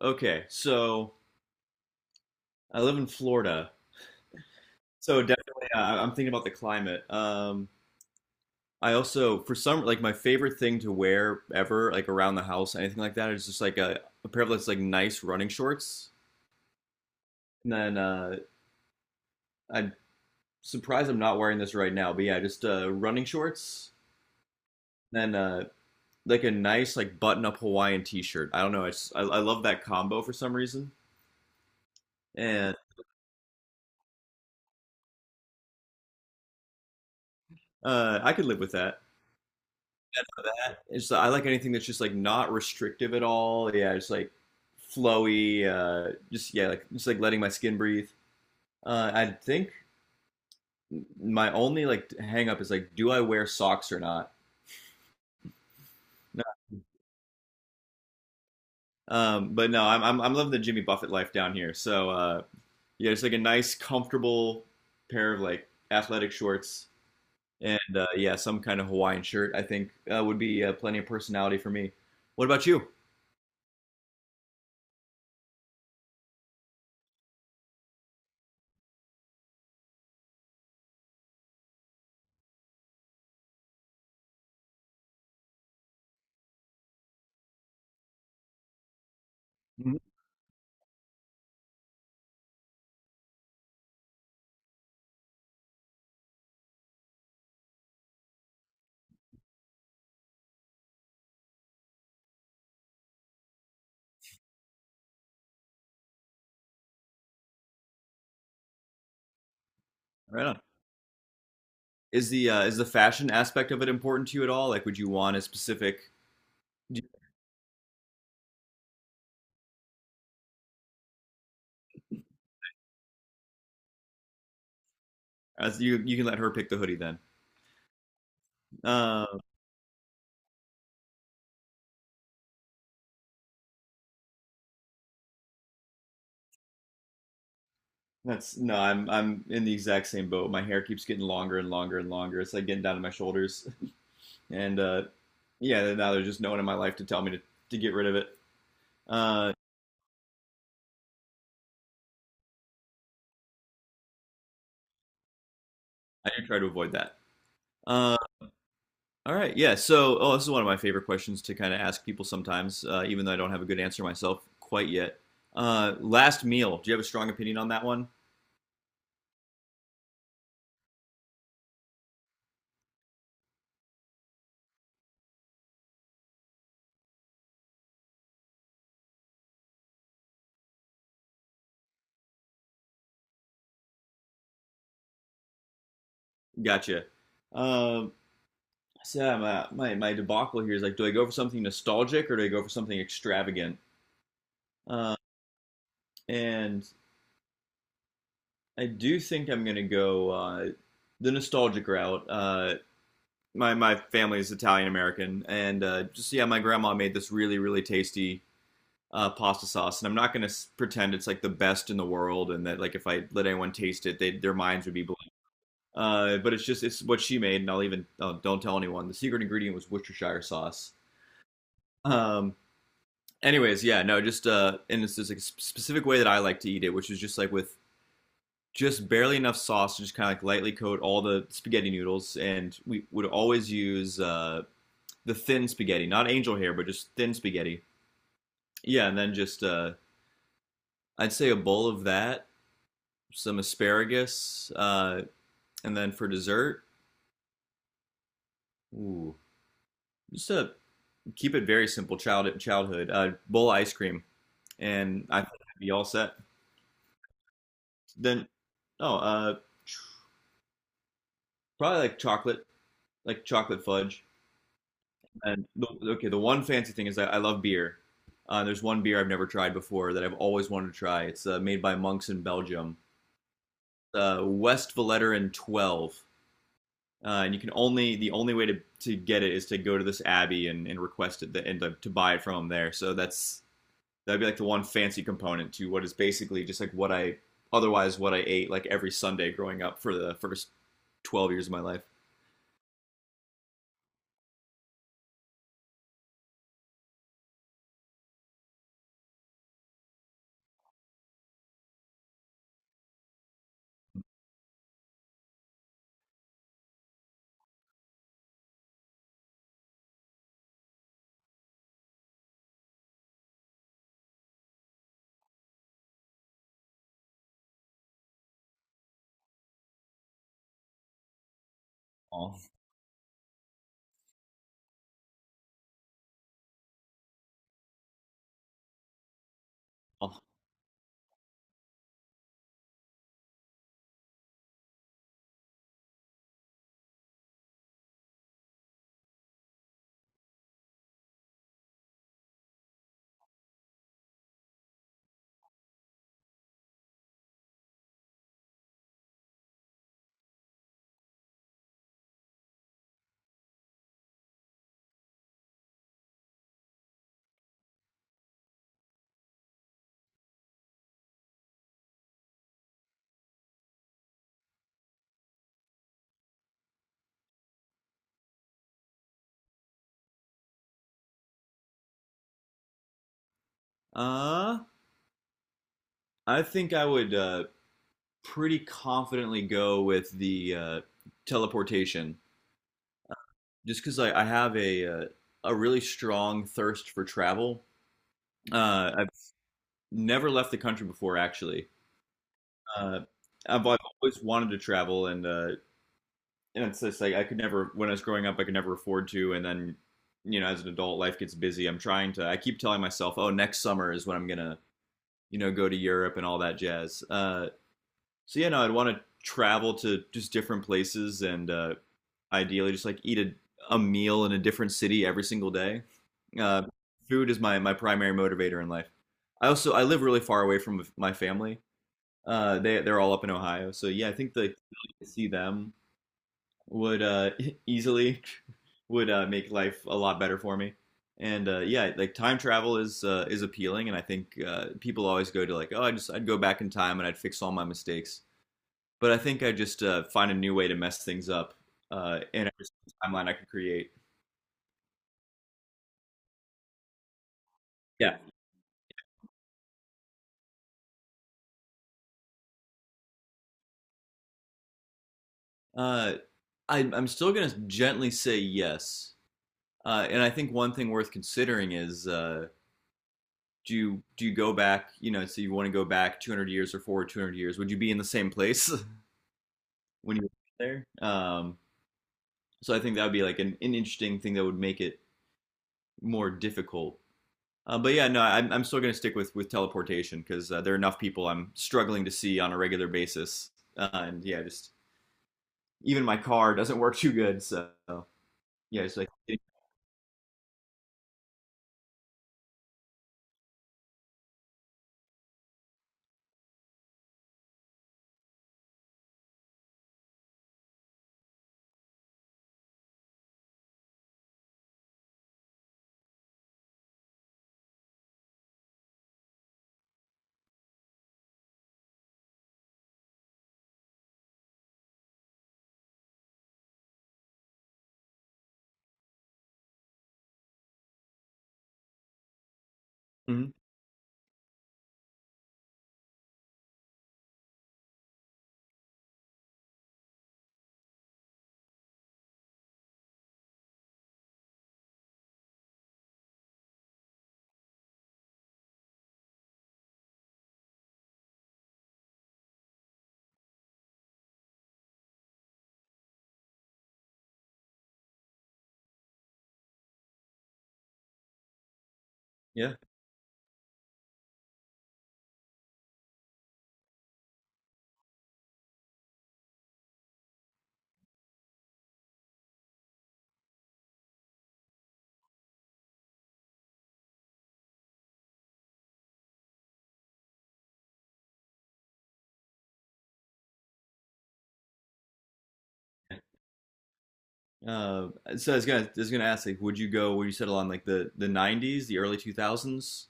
Okay, so I live in Florida, so definitely I'm thinking about the climate. I also, for some, like my favorite thing to wear ever, like around the house, anything like that, is just like a pair of those like nice running shorts. And then I'm surprised I'm not wearing this right now, but yeah, just running shorts. Then like a nice like button-up Hawaiian t-shirt. I don't know, I love that combo for some reason, and I could live with that. It's I like anything that's just like not restrictive at all. Yeah, just like flowy. Just yeah, like just like letting my skin breathe. I think my only like hang up is like, do I wear socks or not? No. But no, I'm loving the Jimmy Buffett life down here. So yeah, it's like a nice, comfortable pair of like athletic shorts and yeah, some kind of Hawaiian shirt. I think would be plenty of personality for me. What about you? Mhm. Right on. Is the is the fashion aspect of it important to you at all? Like, would you want a specific? As you can let her pick the hoodie then. Uh, that's no, I'm in the exact same boat. My hair keeps getting longer and longer and longer. It's like getting down to my shoulders, and yeah, now there's just no one in my life to tell me to get rid of it. Uh, I do try to avoid that. Uh, all right, yeah. So, oh, this is one of my favorite questions to kind of ask people sometimes, even though I don't have a good answer myself quite yet. Last meal. Do you have a strong opinion on that one? Gotcha. Um, so yeah, my debacle here is like, do I go for something nostalgic or do I go for something extravagant? Uh, and I do think I'm gonna go the nostalgic route. My family is Italian American, and just yeah, my grandma made this really really tasty pasta sauce, and I'm not gonna pretend it's like the best in the world, and that like if I let anyone taste it, they their minds would be blown. But it's just it's what she made, and I'll even oh, don't tell anyone. The secret ingredient was Worcestershire sauce. Um, Anyways, yeah, no, just and it's this like, specific way that I like to eat it, which is just like with just barely enough sauce to just kind of like lightly coat all the spaghetti noodles, and we would always use the thin spaghetti, not angel hair, but just thin spaghetti. Yeah, and then just I'd say a bowl of that, some asparagus, and then for dessert, ooh, just to keep it very simple, childhood, bowl of ice cream, and I think I'd be all set. Then oh, probably like chocolate fudge. And the, okay, the one fancy thing is that I love beer. There's one beer I've never tried before that I've always wanted to try. It's made by monks in Belgium, West Vellerin 12. And you can only the only way to get it is to go to this abbey and request it the, and to buy it from them there. So that'd be like the one fancy component to what is basically just like what I otherwise what I ate like every Sunday growing up for the first 12 years of my life. Oh. Oh. Uh, I think I would pretty confidently go with the teleportation, just because I have a really strong thirst for travel. I've never left the country before, actually. Uh, I've always wanted to travel, and it's just like I could never when I was growing up, I could never afford to, and then you know, as an adult, life gets busy. I'm trying to. I keep telling myself, oh, next summer is when I'm gonna you know go to Europe and all that jazz. So yeah, no, I'd want to travel to just different places and ideally just like eat a meal in a different city every single day. Uh, Food is my primary motivator in life. I also I live really far away from my family. They're all up in Ohio, so yeah, I think the to see them would easily would make life a lot better for me. And yeah, like time travel is appealing, and I think people always go to like, oh, I'd go back in time and I'd fix all my mistakes. But I think I just find a new way to mess things up in every timeline I can create. Yeah. Uh, I'm still going to gently say yes. And I think one thing worth considering is do you go back? You know, so you want to go back 200 years or forward 200 years? Would you be in the same place when you were there? So I think that would be like an interesting thing that would make it more difficult. But yeah, no, I'm still gonna stick with teleportation because there are enough people I'm struggling to see on a regular basis, and yeah, just even my car doesn't work too good, so yeah, it's like Mhm, yeah. Uh, so I was gonna ask like, would you go? Would you settle on like the '90s, the early 2000s?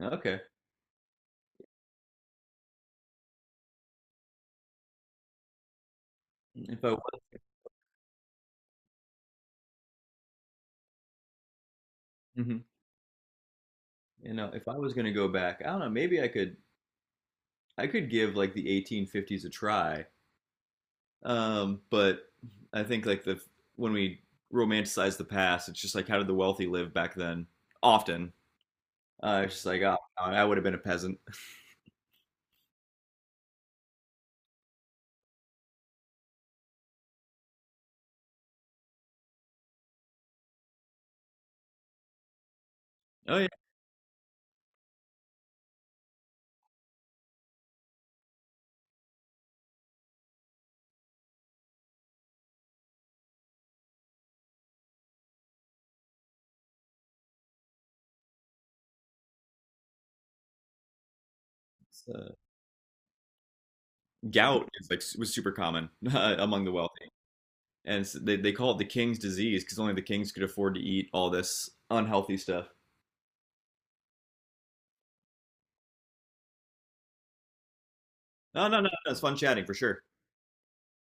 Okay, if I was, mhm. You know, if I was gonna go back, I don't know, maybe I could give like the 1850s a try. But I think like the when we romanticize the past, it's just like how did the wealthy live back then? Often, it's just like oh, I would have been a peasant. Oh yeah, it's, uh, gout is like was super common among the wealthy, and it's, they call it the king's disease because only the kings could afford to eat all this unhealthy stuff. No, no, no, no, it's fun chatting for sure.